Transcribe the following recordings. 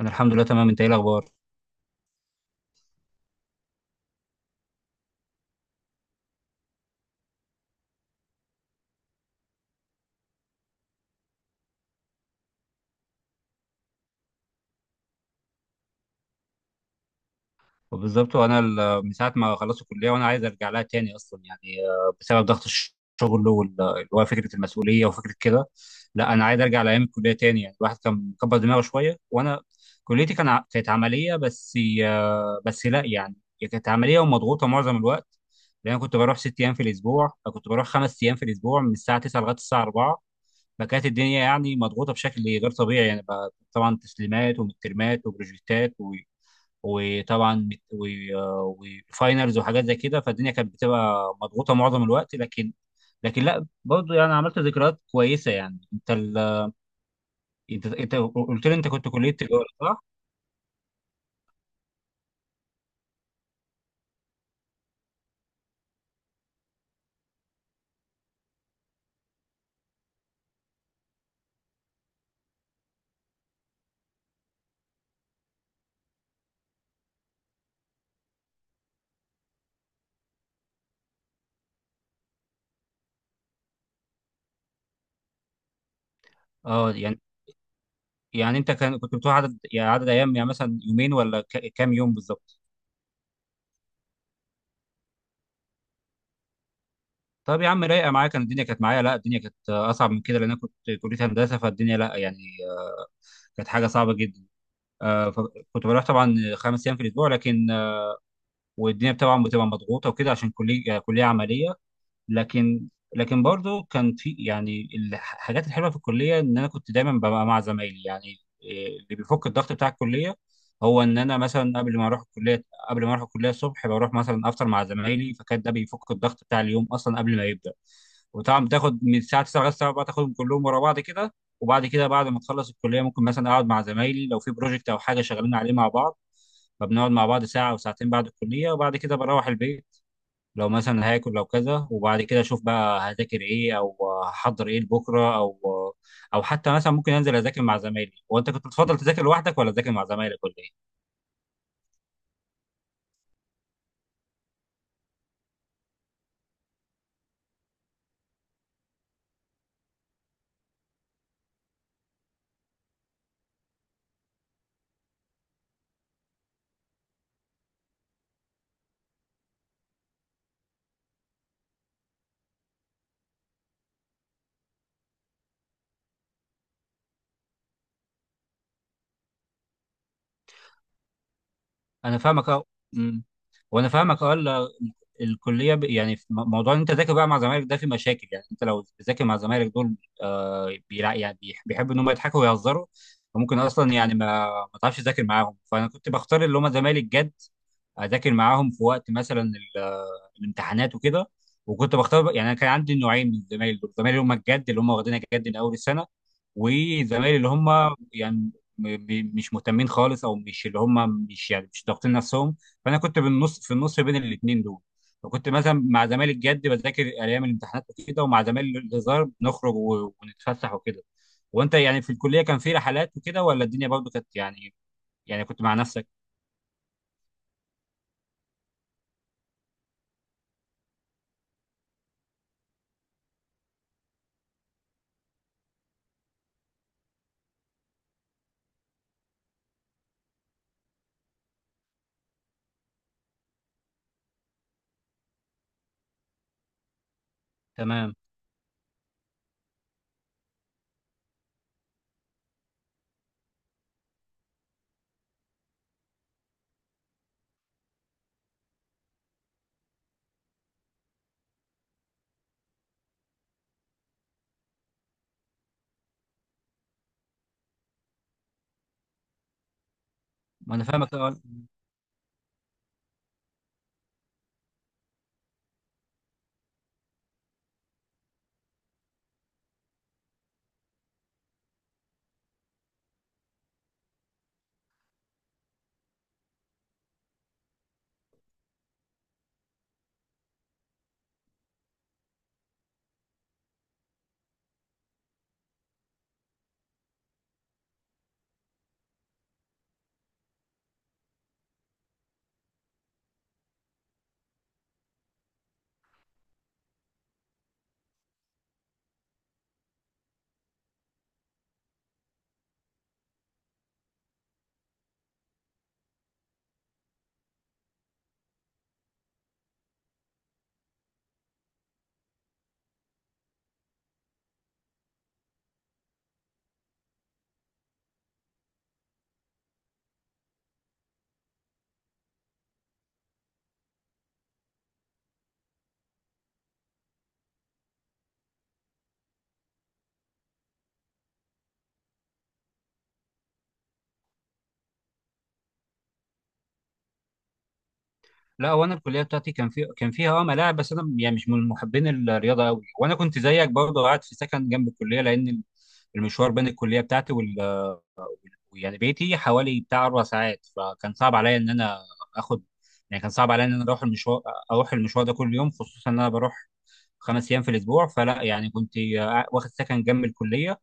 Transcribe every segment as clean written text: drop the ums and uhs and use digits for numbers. انا الحمد لله تمام. انت ايه الاخبار؟ وبالظبط. من ساعه ما خلصت الكليه وانا عايز ارجع لها تاني، اصلا بسبب ضغط الشغل اللي هو فكره المسؤوليه وفكره كده. لا، انا عايز ارجع لايام الكليه تاني، يعني الواحد كان مكبر دماغه شويه. وانا كليتي كانت عمليه بس. بس لا يعني، هي كانت عمليه ومضغوطه معظم الوقت، لان انا كنت بروح ست ايام في الاسبوع، كنت بروح خمس ايام في الاسبوع من الساعه 9 لغايه الساعه 4. فكانت الدنيا يعني مضغوطه بشكل غير طبيعي، يعني بقى طبعا تسليمات ومترمات وبروجكتات، وطبعا وفاينلز وحاجات زي كده. فالدنيا كانت بتبقى مضغوطه معظم الوقت، لكن لا برضه يعني عملت ذكريات كويسه. يعني انت قلت لي، انت كنت كليه تجاره صح؟ اه يعني، يعني انت كنت بتروح عدد، يعني عدد ايام، يعني مثلا يومين ولا كام يوم بالظبط؟ طب يا عم، رايقه معايا كان، الدنيا كانت معايا. لا، الدنيا كانت اصعب من كده، لان انا كنت كليه هندسه، فالدنيا لا يعني، كانت حاجه صعبه جدا. فكنت بروح طبعا خمس ايام في الاسبوع لكن، والدنيا طبعا بتبقى مضغوطه وكده عشان كليه عمليه. لكن لكن برضو كان في يعني الحاجات الحلوه في الكليه، ان انا كنت دايما ببقى مع زمايلي. يعني اللي بيفك الضغط بتاع الكليه، هو ان انا مثلا قبل ما اروح الكليه، قبل ما اروح الكليه الصبح بروح مثلا افطر مع زمايلي، فكان ده بيفك الضغط بتاع اليوم اصلا قبل ما يبدا. وطبعا بتاخد من الساعه 9 لغايه الساعه 4، تاخدهم كلهم ورا بعض كده. وبعد كده بعد ما تخلص الكليه، ممكن مثلا اقعد مع زمايلي لو في بروجكت او حاجه شغالين عليه مع بعض. فبنقعد مع بعض ساعة أو ساعتين بعد الكلية، وبعد كده بروح البيت، لو مثلا هاكل لو كذا. وبعد كده أشوف بقى هذاكر إيه أو هحضر إيه لبكرة، أو أو حتى مثلا ممكن أنزل أذاكر مع زمايلي. وأنت كنت بتفضل تذاكر لوحدك ولا تذاكر مع زمايلك ولا إيه؟ أنا فاهمك أه. أمم. وأنا فاهمك أه. يعني في موضوع ان انت تذاكر بقى مع زمايلك، ده في مشاكل. يعني انت لو بتذاكر مع زمايلك دول، آه بيلع، يعني بيحبوا ان هم يضحكوا ويهزروا، فممكن اصلا يعني ما تعرفش تذاكر معاهم. فانا كنت بختار اللي هم زمايلي الجد، اذاكر معاهم في وقت مثلا الامتحانات وكده. يعني انا كان عندي نوعين من الزمايل دول، زمايلي اللي هم الجد اللي هم واخدينها جد من اول السنه، وزمايلي اللي هم يعني مش مهتمين خالص، او مش اللي هم مش يعني مش ضاغطين نفسهم. فانا كنت بالنص في النص بين الاثنين دول. فكنت مثلا مع زمايلي الجد بذاكر ايام الامتحانات وكده، ومع زمايلي الهزار نخرج ونتفسح وكده. وانت يعني في الكليه كان في رحلات وكده ولا الدنيا برضو كانت يعني، يعني كنت مع نفسك؟ تمام. وانا فاهمك اه. لا، وانا الكليه بتاعتي كان فيها اه ملاعب، بس انا يعني مش من محبين الرياضه قوي. وانا كنت زيك برضو قاعد في سكن جنب الكليه، لان المشوار بين الكليه بتاعتي يعني بيتي حوالي بتاع اربع ساعات، فكان صعب عليا ان انا اخد، يعني كان صعب عليا ان انا اروح المشوار، ده كل يوم، خصوصا ان انا بروح خمس ايام في الاسبوع. فلا يعني كنت واخد سكن جنب الكليه،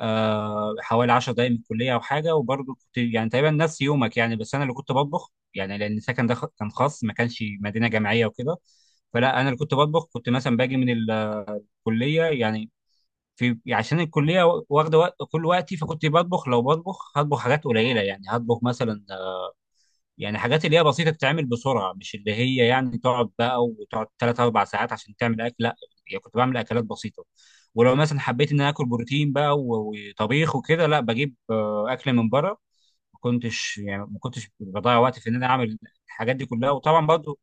حوالي 10 دقائق من الكليه او حاجه. وبرضه كنت يعني تقريبا نفس يومك يعني، بس انا اللي كنت بطبخ يعني، لان السكن ده كان خاص، ما كانش مدينه جامعيه وكده. فلا، انا اللي كنت بطبخ. كنت مثلا باجي من الكليه، يعني في عشان الكليه واخده وقت كل وقتي، فكنت بطبخ، لو بطبخ هطبخ حاجات قليله، يعني هطبخ مثلا يعني حاجات اللي هي بسيطة تتعمل بسرعة، مش اللي هي يعني تقعد بقى وتقعد ثلاث أربع ساعات عشان تعمل أكل، لا. يعني كنت بعمل أكلات بسيطة. ولو مثلا حبيت إن أنا آكل بروتين بقى وطبيخ وكده، لا بجيب أكل من بره. ما كنتش يعني ما كنتش بضيع وقت في إن أنا أعمل الحاجات دي كلها. وطبعا برضو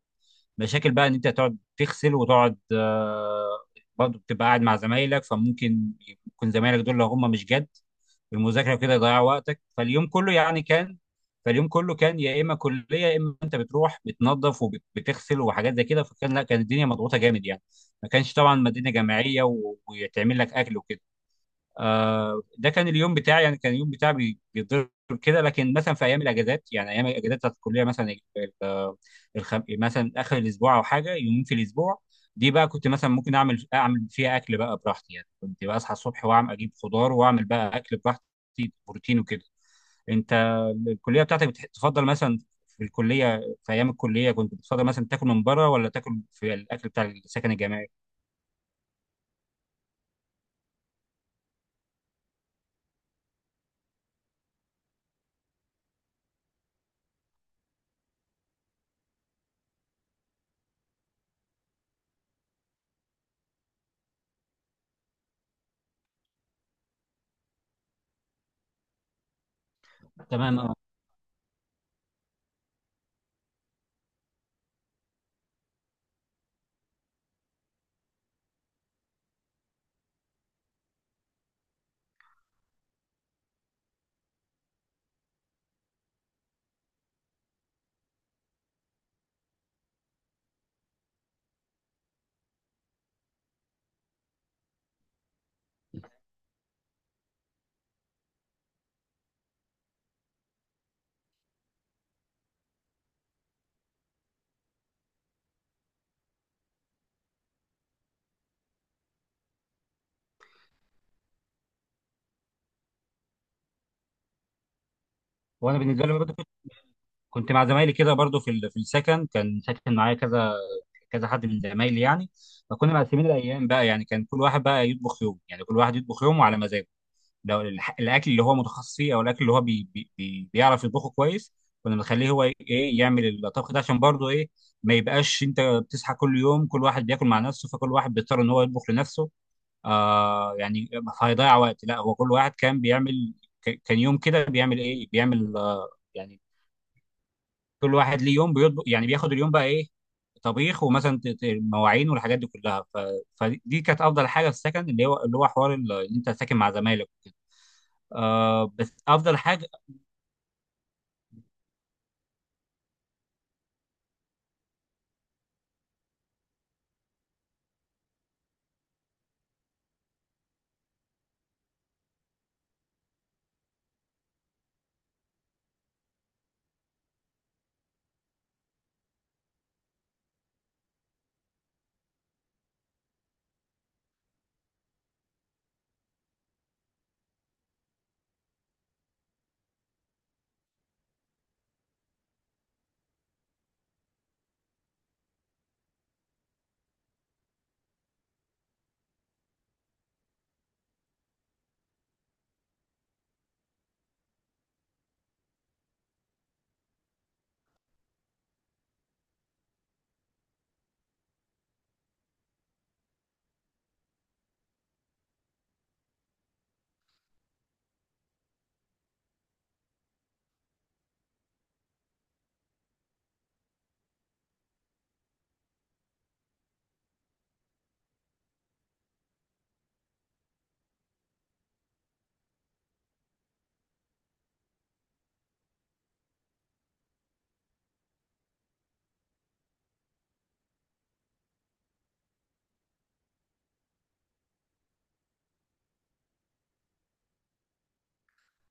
مشاكل بقى إن أنت تقعد تغسل وتقعد، برضو بتبقى قاعد مع زمايلك، فممكن يكون زمايلك دول لو هم مش جد المذاكره وكده يضيع وقتك. فاليوم كله يعني كان، فاليوم كله كان يا اما كليه يا اما انت بتروح بتنظف وبتغسل وحاجات زي كده. فكان لا، كانت الدنيا مضغوطه جامد يعني، ما كانش طبعا مدينه جامعيه ويتعمل لك اكل وكده. ده كان اليوم بتاعي، يعني كان اليوم بتاعي بيتضرب كده. لكن مثلا في ايام الاجازات، يعني ايام الاجازات بتاعت الكليه مثلا ال- مثلا اخر الاسبوع او حاجه، يومين في الاسبوع. دي بقى كنت مثلا ممكن اعمل فيها اكل بقى براحتي. يعني كنت بقى اصحى الصبح واعمل، اجيب خضار واعمل بقى اكل براحتي بروتين وكده. انت الكليه بتاعتك تفضل مثلا في الكليه، في ايام الكليه كنت بتفضل مثلا تاكل من بره ولا تاكل في الاكل بتاع السكن الجامعي؟ تمام اه. وانا بالنسبه لي برضه كنت مع زمايلي كده برضو في في السكن، كان ساكن معايا كذا كذا حد من زمايلي يعني. فكنا مقسمين الايام بقى، يعني كان كل واحد بقى يطبخ يوم، يعني كل واحد يطبخ يومه على مزاجه. لو الاكل اللي هو متخصص فيه، او الاكل اللي هو بي بي بي بيعرف يطبخه كويس، كنا بنخليه هو ايه يعمل الطبخ ده، عشان برضو ايه ما يبقاش انت بتصحى كل يوم كل واحد بياكل مع نفسه، فكل واحد بيضطر ان هو يطبخ لنفسه، آه يعني، فهيضيع وقت. لا، هو كل واحد كان بيعمل، كان يوم كده بيعمل ايه، بيعمل يعني كل واحد ليه يوم بيطبخ، يعني بياخد اليوم بقى ايه، طبيخ ومثلا مواعين والحاجات دي كلها. فدي كانت افضل حاجه في السكن، اللي هو حوار اللي انت ساكن مع زمايلك وكده. آه بس افضل حاجه.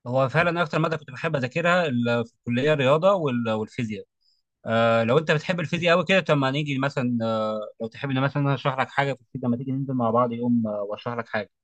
هو فعلا اكتر ماده كنت بحب اذاكرها في الكليه الرياضه والفيزياء. آه لو انت بتحب الفيزياء قوي كده، طب ما نيجي مثلا لو تحب إن مثلا أنا اشرح لك حاجه في الفيزياء، لما تيجي ننزل مع بعض يوم واشرح لك حاجه.